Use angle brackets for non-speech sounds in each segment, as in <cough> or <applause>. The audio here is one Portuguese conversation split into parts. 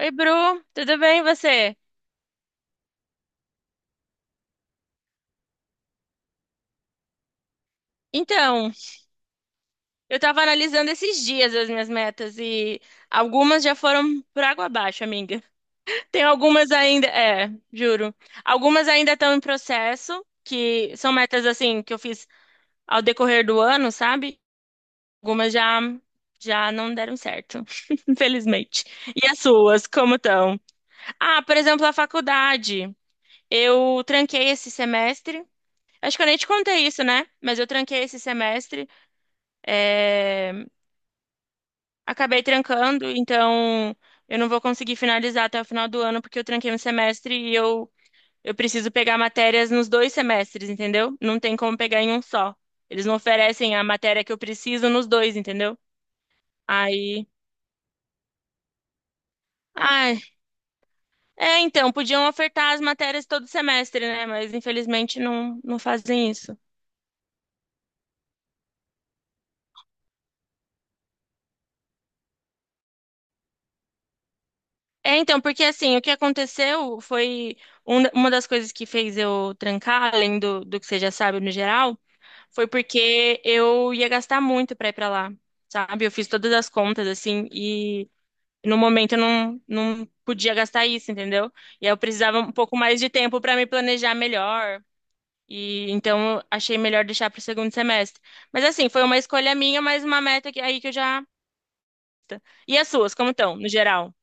Oi, Bru, tudo bem e você? Então, eu tava analisando esses dias as minhas metas e algumas já foram por água abaixo, amiga. <laughs> Tem algumas ainda, juro. Algumas ainda estão em processo, que são metas assim que eu fiz ao decorrer do ano, sabe? Algumas já não deram certo, <laughs> infelizmente. E as suas, como estão? Ah, por exemplo, a faculdade. Eu tranquei esse semestre. Acho que eu nem te contei isso, né? Mas eu tranquei esse semestre. É, Acabei trancando, então eu não vou conseguir finalizar até o final do ano, porque eu tranquei um semestre eu preciso pegar matérias nos dois semestres, entendeu? Não tem como pegar em um só. Eles não oferecem a matéria que eu preciso nos dois, entendeu? Aí. Ai, é, então, podiam ofertar as matérias todo semestre, né? Mas infelizmente não, não fazem isso. É, então, porque assim, o que aconteceu foi uma das coisas que fez eu trancar, além do que você já sabe no geral. Foi porque eu ia gastar muito pra ir pra lá, sabe? Eu fiz todas as contas, assim, e no momento eu não, não podia gastar isso, entendeu? E aí eu precisava um pouco mais de tempo pra me planejar melhor. E então eu achei melhor deixar pro segundo semestre. Mas assim, foi uma escolha minha, mas uma meta que, aí que eu já. Tá. E as suas, como estão, no geral?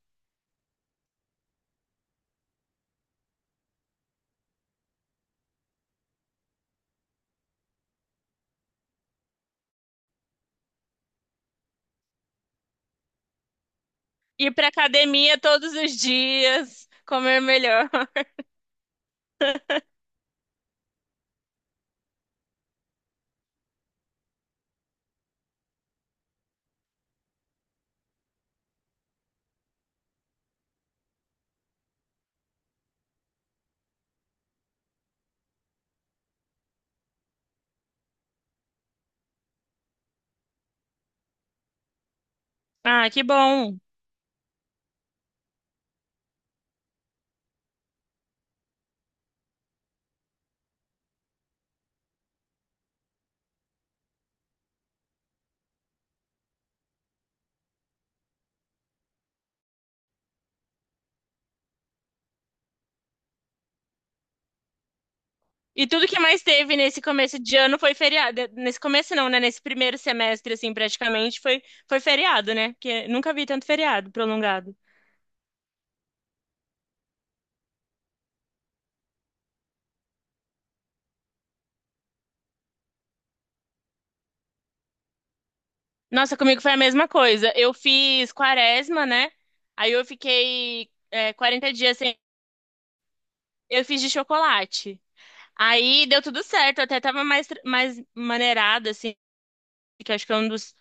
Ir pra academia todos os dias, comer melhor. <laughs> Ah, que bom. E tudo que mais teve nesse começo de ano foi feriado. Nesse começo não, né? Nesse primeiro semestre, assim, praticamente, foi feriado, né? Porque nunca vi tanto feriado prolongado. Nossa, comigo foi a mesma coisa. Eu fiz quaresma, né? Aí eu fiquei 40 dias sem... Eu fiz de chocolate. Aí deu tudo certo. Eu até tava mais, mais maneirada, assim, que acho que é um dos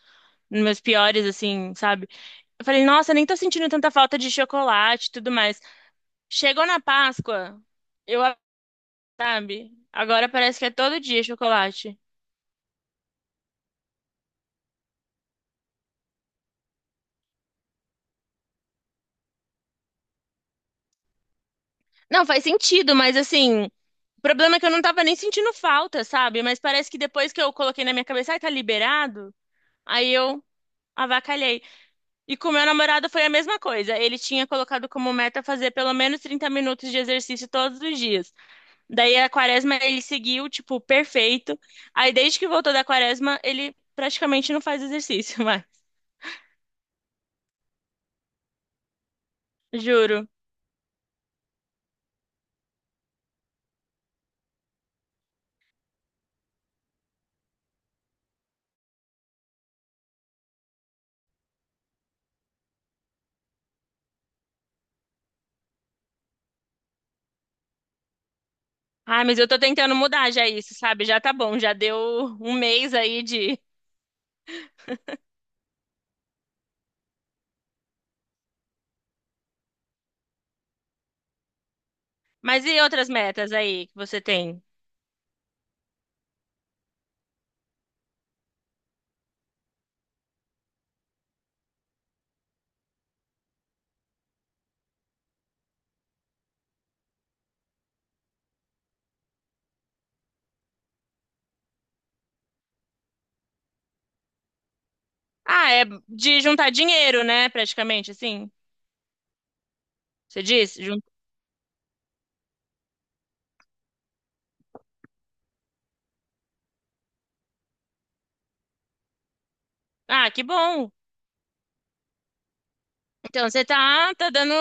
meus piores, assim, sabe? Eu falei, nossa, nem tô sentindo tanta falta de chocolate e tudo mais. Chegou na Páscoa... Eu sabe? Agora parece que é todo dia chocolate. Não, faz sentido, mas assim, o problema é que eu não tava nem sentindo falta, sabe? Mas parece que depois que eu coloquei na minha cabeça, ai, tá liberado, aí eu avacalhei. E com o meu namorado foi a mesma coisa. Ele tinha colocado como meta fazer pelo menos 30 minutos de exercício todos os dias. Daí a quaresma ele seguiu, tipo, perfeito. Aí desde que voltou da quaresma, ele praticamente não faz exercício <laughs> mais. Juro. Ai, mas eu tô tentando mudar já isso, sabe? Já tá bom, já deu um mês aí de. Mas e outras metas aí que você tem? Ah, é de juntar dinheiro, né? Praticamente, assim. Você disse? Jun- Ah, que bom. Então você tá, tá dando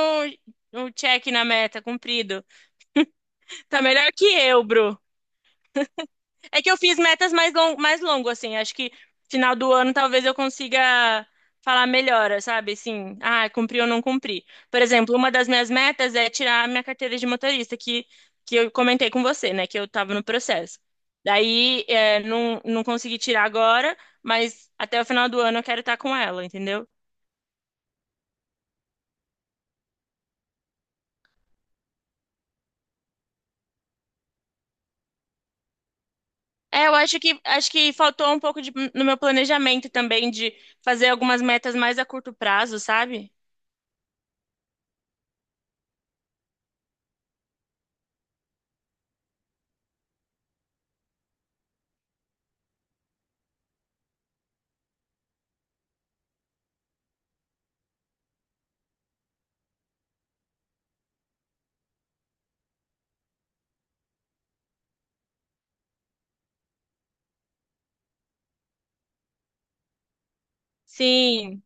um check na meta, cumprido. Tá melhor que eu, Bru. É que eu fiz metas mais mais longo, assim. Acho que final do ano talvez eu consiga falar melhor, sabe? Assim, ah, cumpri ou não cumpri. Por exemplo, uma das minhas metas é tirar a minha carteira de motorista, que eu comentei com você, né? Que eu tava no processo. Daí, é, não, não consegui tirar agora, mas até o final do ano eu quero estar com ela, entendeu? É, eu acho que faltou um pouco no meu planejamento também de fazer algumas metas mais a curto prazo, sabe? Sim.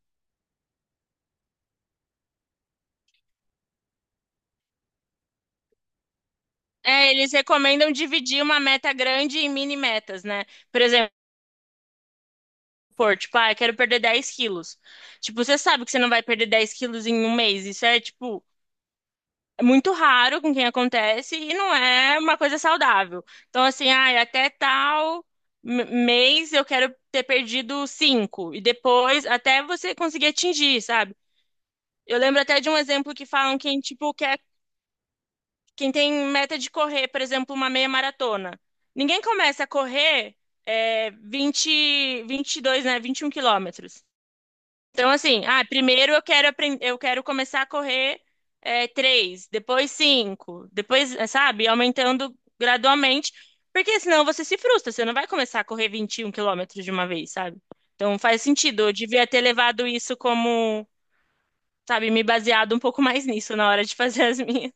É, eles recomendam dividir uma meta grande em mini metas, né? Por exemplo, pôr, tipo, ah, eu quero perder 10 quilos. Tipo, você sabe que você não vai perder 10 quilos em um mês. Isso é, tipo, é muito raro com quem acontece e não é uma coisa saudável. Então, assim, ah, até tal mês eu quero ter perdido cinco. E depois, até você conseguir atingir, sabe? Eu lembro até de um exemplo que falam quem, tipo, quer quem tem meta de correr, por exemplo, uma meia maratona. Ninguém começa a correr é, vinte, 22, né, 21 quilômetros. Então, assim, ah, primeiro eu quero aprender, eu quero começar a correr 3, depois 5, depois, sabe, aumentando gradualmente, porque senão você se frustra, você não vai começar a correr 21 quilômetros de uma vez, sabe? Então faz sentido, eu devia ter levado isso como, sabe, me baseado um pouco mais nisso na hora de <laughs> fazer as minhas.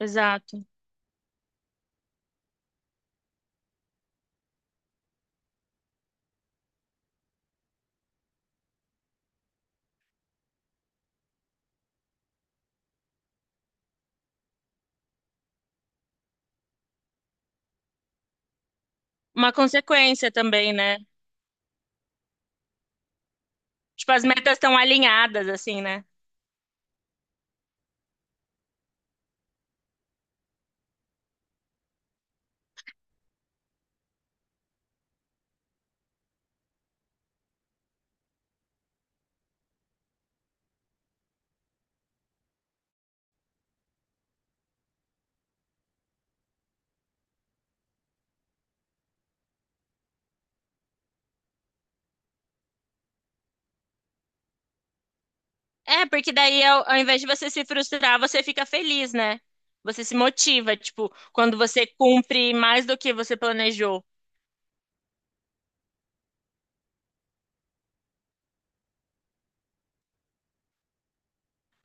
Exato. Uma consequência também, né? Tipo, as metas estão alinhadas, assim, né? É, porque daí, ao invés de você se frustrar, você fica feliz, né? Você se motiva, tipo, quando você cumpre mais do que você planejou.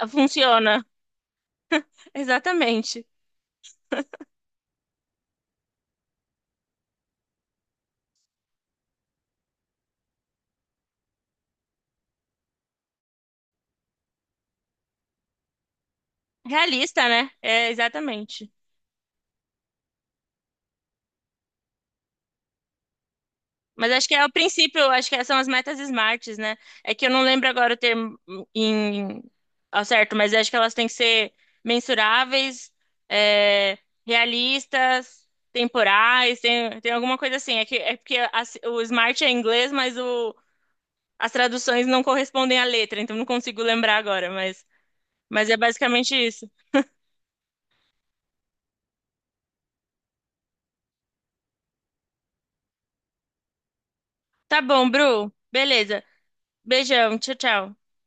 Funciona. <laughs> Exatamente. Realista, né? É, exatamente. Mas acho que é o princípio, acho que são as metas smarts, né? É que eu não lembro agora o termo em, ao certo, mas acho que elas têm que ser mensuráveis, é, realistas, temporais, tem alguma coisa assim. É que é porque o smart é em inglês, mas o- as traduções não correspondem à letra, então não consigo lembrar agora, mas é basicamente isso. Tá bom, Bru. Beleza. Beijão, tchau, tchau.